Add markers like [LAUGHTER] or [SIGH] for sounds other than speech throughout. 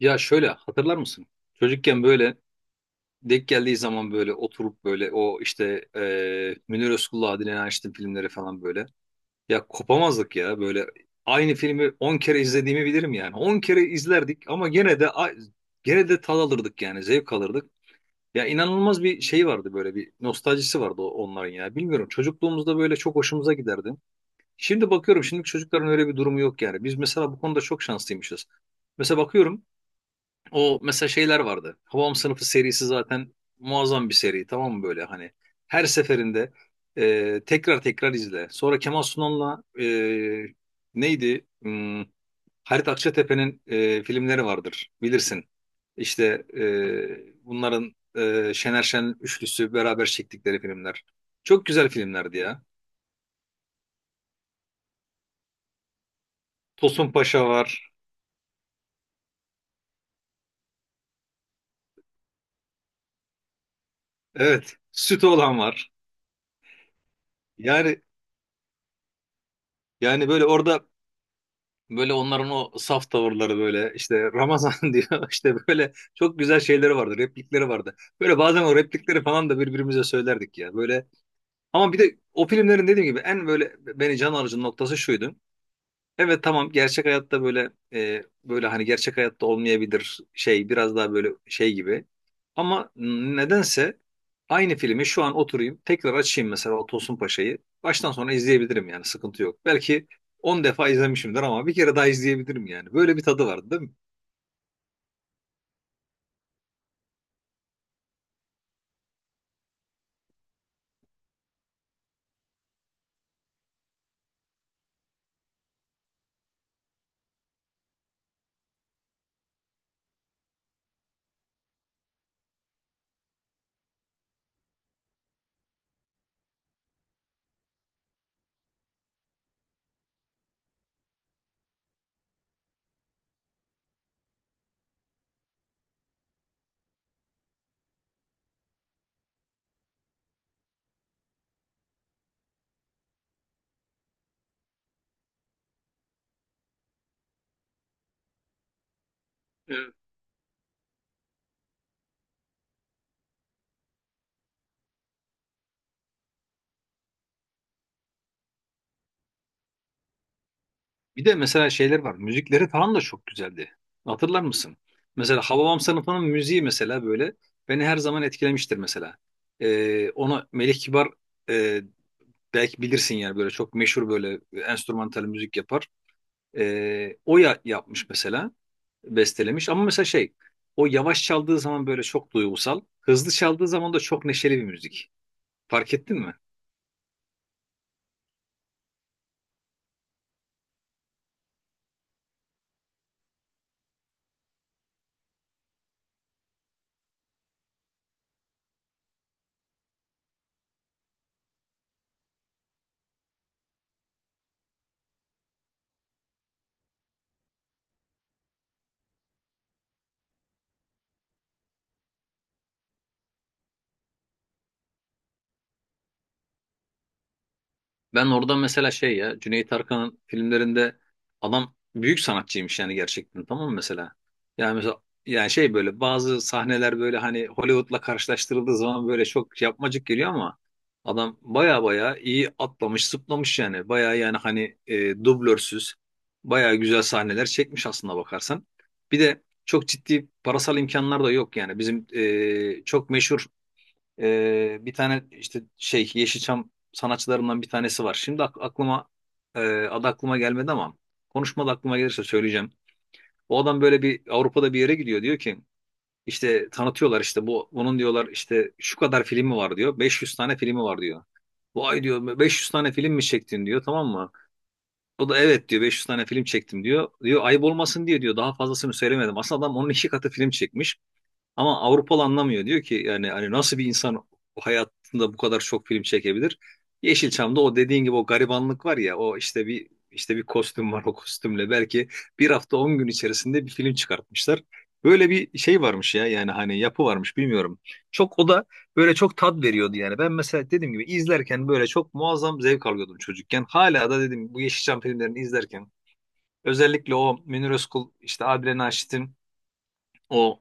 Ya şöyle hatırlar mısın? Çocukken böyle denk geldiği zaman böyle oturup böyle o işte Münir Özkul'la Adile Naşit'in filmleri falan böyle. Ya kopamazdık ya böyle aynı filmi 10 kere izlediğimi bilirim yani. 10 kere izlerdik ama gene de gene de tad alırdık yani zevk alırdık. Ya inanılmaz bir şey vardı böyle bir nostaljisi vardı onların ya. Bilmiyorum çocukluğumuzda böyle çok hoşumuza giderdi. Şimdi bakıyorum şimdiki çocukların öyle bir durumu yok yani. Biz mesela bu konuda çok şanslıymışız. Mesela bakıyorum o mesela şeyler vardı. Havam Sınıfı serisi zaten muazzam bir seri, tamam mı, böyle hani. Her seferinde tekrar tekrar izle. Sonra Kemal Sunal'la neydi? Halit Akçatepe'nin filmleri vardır bilirsin. İşte bunların Şener Şen üçlüsü beraber çektikleri filmler. Çok güzel filmlerdi ya. Tosun Paşa var. Evet. Süt olan var. Yani yani böyle orada böyle onların o saf tavırları böyle işte Ramazan [LAUGHS] diyor işte böyle çok güzel şeyleri vardı, replikleri vardı. Böyle bazen o replikleri falan da birbirimize söylerdik ya böyle. Ama bir de o filmlerin dediğim gibi en böyle beni can alıcı noktası şuydu. Evet tamam, gerçek hayatta böyle böyle hani gerçek hayatta olmayabilir, şey biraz daha böyle şey gibi. Ama nedense aynı filmi şu an oturayım tekrar açayım mesela o Tosun Paşa'yı. Baştan sona izleyebilirim yani, sıkıntı yok. Belki 10 defa izlemişimdir ama bir kere daha izleyebilirim yani. Böyle bir tadı vardı değil mi? Evet. Bir de mesela şeyler var. Müzikleri falan da çok güzeldi. Hatırlar mısın? Mesela Hababam sınıfının müziği mesela böyle beni her zaman etkilemiştir mesela. Ona Melih Kibar e, belki bilirsin yani böyle çok meşhur böyle enstrümantal müzik yapar. O ya yapmış mesela, bestelemiş. Ama mesela şey, o yavaş çaldığı zaman böyle çok duygusal, hızlı çaldığı zaman da çok neşeli bir müzik. Fark ettin mi? Ben orada mesela şey ya Cüneyt Arkın'ın filmlerinde adam büyük sanatçıymış yani, gerçekten, tamam mı, mesela? Yani mesela yani şey böyle bazı sahneler böyle hani Hollywood'la karşılaştırıldığı zaman böyle çok yapmacık geliyor ama adam baya baya iyi atlamış zıplamış yani, baya yani hani dublörsüz baya güzel sahneler çekmiş aslında bakarsan. Bir de çok ciddi parasal imkanlar da yok yani, bizim çok meşhur bir tane işte şey Yeşilçam sanatçılarımdan bir tanesi var. Şimdi aklıma e, adı aklıma gelmedi ama konuşmada aklıma gelirse söyleyeceğim. O adam böyle bir Avrupa'da bir yere gidiyor, diyor ki işte tanıtıyorlar, işte bu bunun diyorlar işte şu kadar filmi var diyor. 500 tane filmi var diyor. Vay diyor, 500 tane film mi çektin diyor, tamam mı? O da evet diyor, 500 tane film çektim diyor. Diyor, ayıp olmasın diye diyor daha fazlasını söylemedim. Aslında adam onun iki katı film çekmiş. Ama Avrupalı anlamıyor. Diyor ki yani hani nasıl bir insan hayatında bu kadar çok film çekebilir? Yeşilçam'da o dediğin gibi o garibanlık var ya, o işte bir kostüm var, o kostümle belki bir hafta 10 gün içerisinde bir film çıkartmışlar. Böyle bir şey varmış ya yani hani, yapı varmış bilmiyorum. Çok o da böyle çok tat veriyordu yani. Ben mesela dediğim gibi izlerken böyle çok muazzam zevk alıyordum çocukken. Hala da dedim, bu Yeşilçam filmlerini izlerken özellikle o Münir Özkul işte Adile Naşit'in o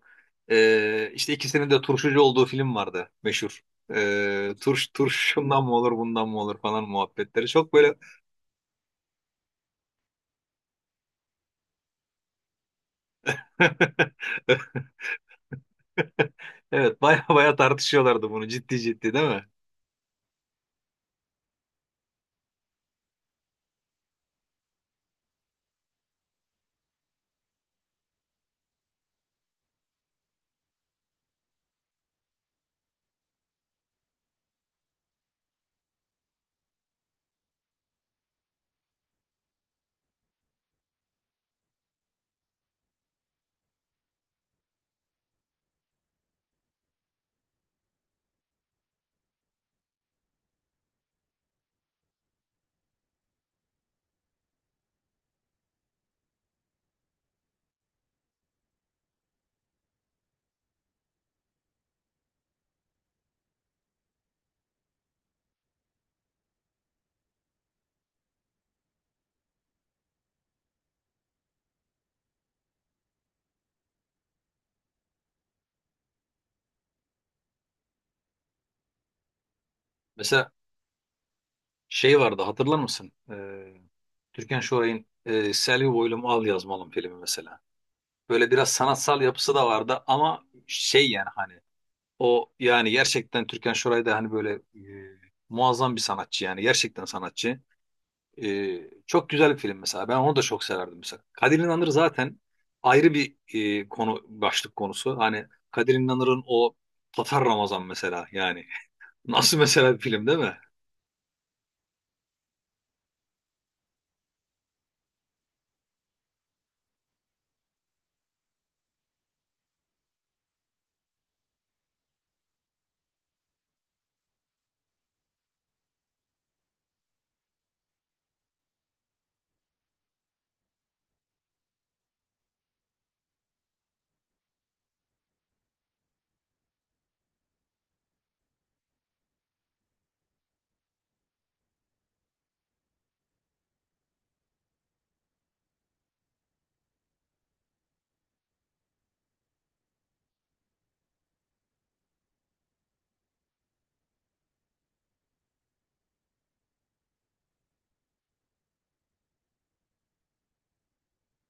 işte ikisinin de turşucu olduğu film vardı meşhur. Turşundan mı olur bundan mı olur falan muhabbetleri. Çok böyle [LAUGHS] evet, baya baya tartışıyorlardı bunu ciddi ciddi değil mi? Mesela şey vardı, hatırlar mısın? Türkan Şoray'ın Selvi Boylum Al Yazmalım filmi mesela. Böyle biraz sanatsal yapısı da vardı ama şey yani hani o yani gerçekten Türkan Şoray da hani böyle muazzam bir sanatçı, yani gerçekten sanatçı. Çok güzel bir film mesela. Ben onu da çok severdim mesela. Kadir İnanır zaten ayrı bir konu, başlık konusu. Hani Kadir İnanır'ın o Tatar Ramazan mesela yani. [LAUGHS] Nasıl mesela bir film değil mi?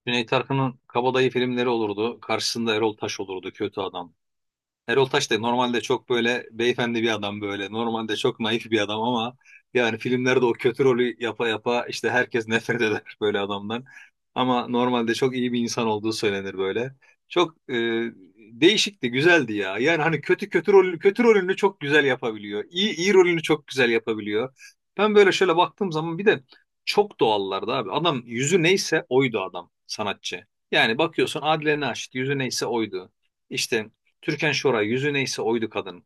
Cüneyt Arkın'ın Kabadayı filmleri olurdu. Karşısında Erol Taş olurdu, kötü adam. Erol Taş da normalde çok böyle beyefendi bir adam böyle. Normalde çok naif bir adam ama yani filmlerde o kötü rolü yapa yapa işte herkes nefret eder [LAUGHS] böyle adamdan. Ama normalde çok iyi bir insan olduğu söylenir böyle. Çok değişikti, güzeldi ya. Yani hani kötü kötü rolünü çok güzel yapabiliyor. İyi iyi rolünü çok güzel yapabiliyor. Ben böyle şöyle baktığım zaman bir de çok doğallardı abi. Adam, yüzü neyse oydu, adam sanatçı. Yani bakıyorsun Adile Naşit yüzü neyse oydu. İşte Türkan Şoray yüzü neyse oydu kadın.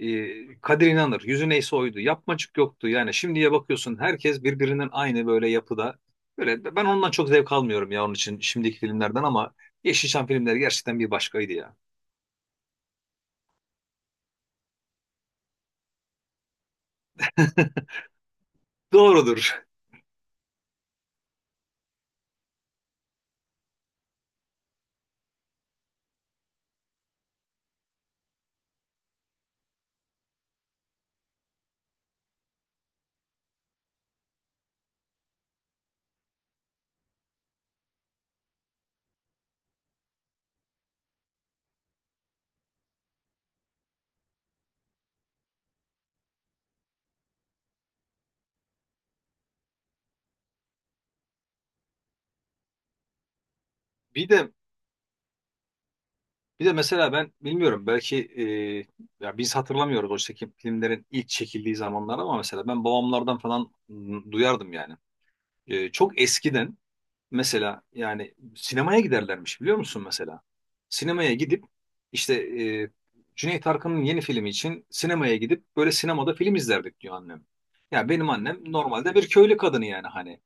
Kadir İnanır yüzü neyse oydu. Yapmacık yoktu. Yani şimdiye bakıyorsun herkes birbirinin aynı böyle yapıda. Böyle ben ondan çok zevk almıyorum ya, onun için şimdiki filmlerden ama Yeşilçam filmleri gerçekten bir başkaydı ya. [LAUGHS] Doğrudur. Bir de bir de mesela ben bilmiyorum, belki ya biz hatırlamıyoruz o çekim filmlerin ilk çekildiği zamanlar ama mesela ben babamlardan falan duyardım yani. Çok eskiden mesela, yani sinemaya giderlermiş biliyor musun mesela? Sinemaya gidip işte e, Cüneyt Arkın'ın yeni filmi için sinemaya gidip böyle sinemada film izlerdik diyor annem. Ya benim annem normalde bir köylü kadını yani hani.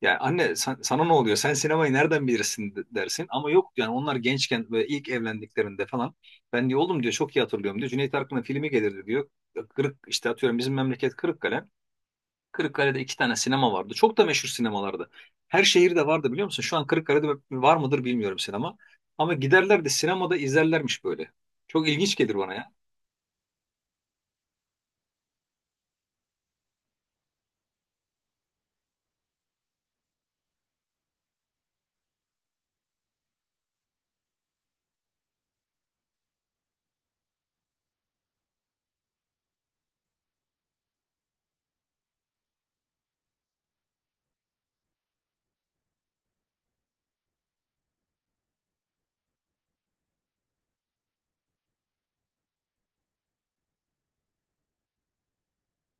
Ya anne, sana ne oluyor? Sen sinemayı nereden bilirsin dersin. Ama yok yani, onlar gençken ve ilk evlendiklerinde falan. Ben diyor oğlum, diyor çok iyi hatırlıyorum diyor. Cüneyt Arkın'ın filmi gelirdi diyor. İşte atıyorum, bizim memleket Kırıkkale. Kırıkkale'de iki tane sinema vardı. Çok da meşhur sinemalardı. Her şehirde vardı biliyor musun? Şu an Kırıkkale'de var mıdır bilmiyorum sinema. Ama giderler de sinemada izlerlermiş böyle. Çok ilginç gelir bana ya.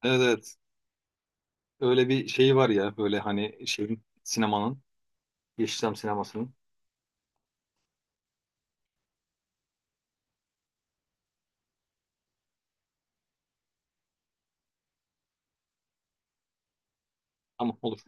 Evet evet. Öyle bir şeyi var ya böyle hani şeyin, sinemanın, Yeşilçam sinemasının. Tamam, olur.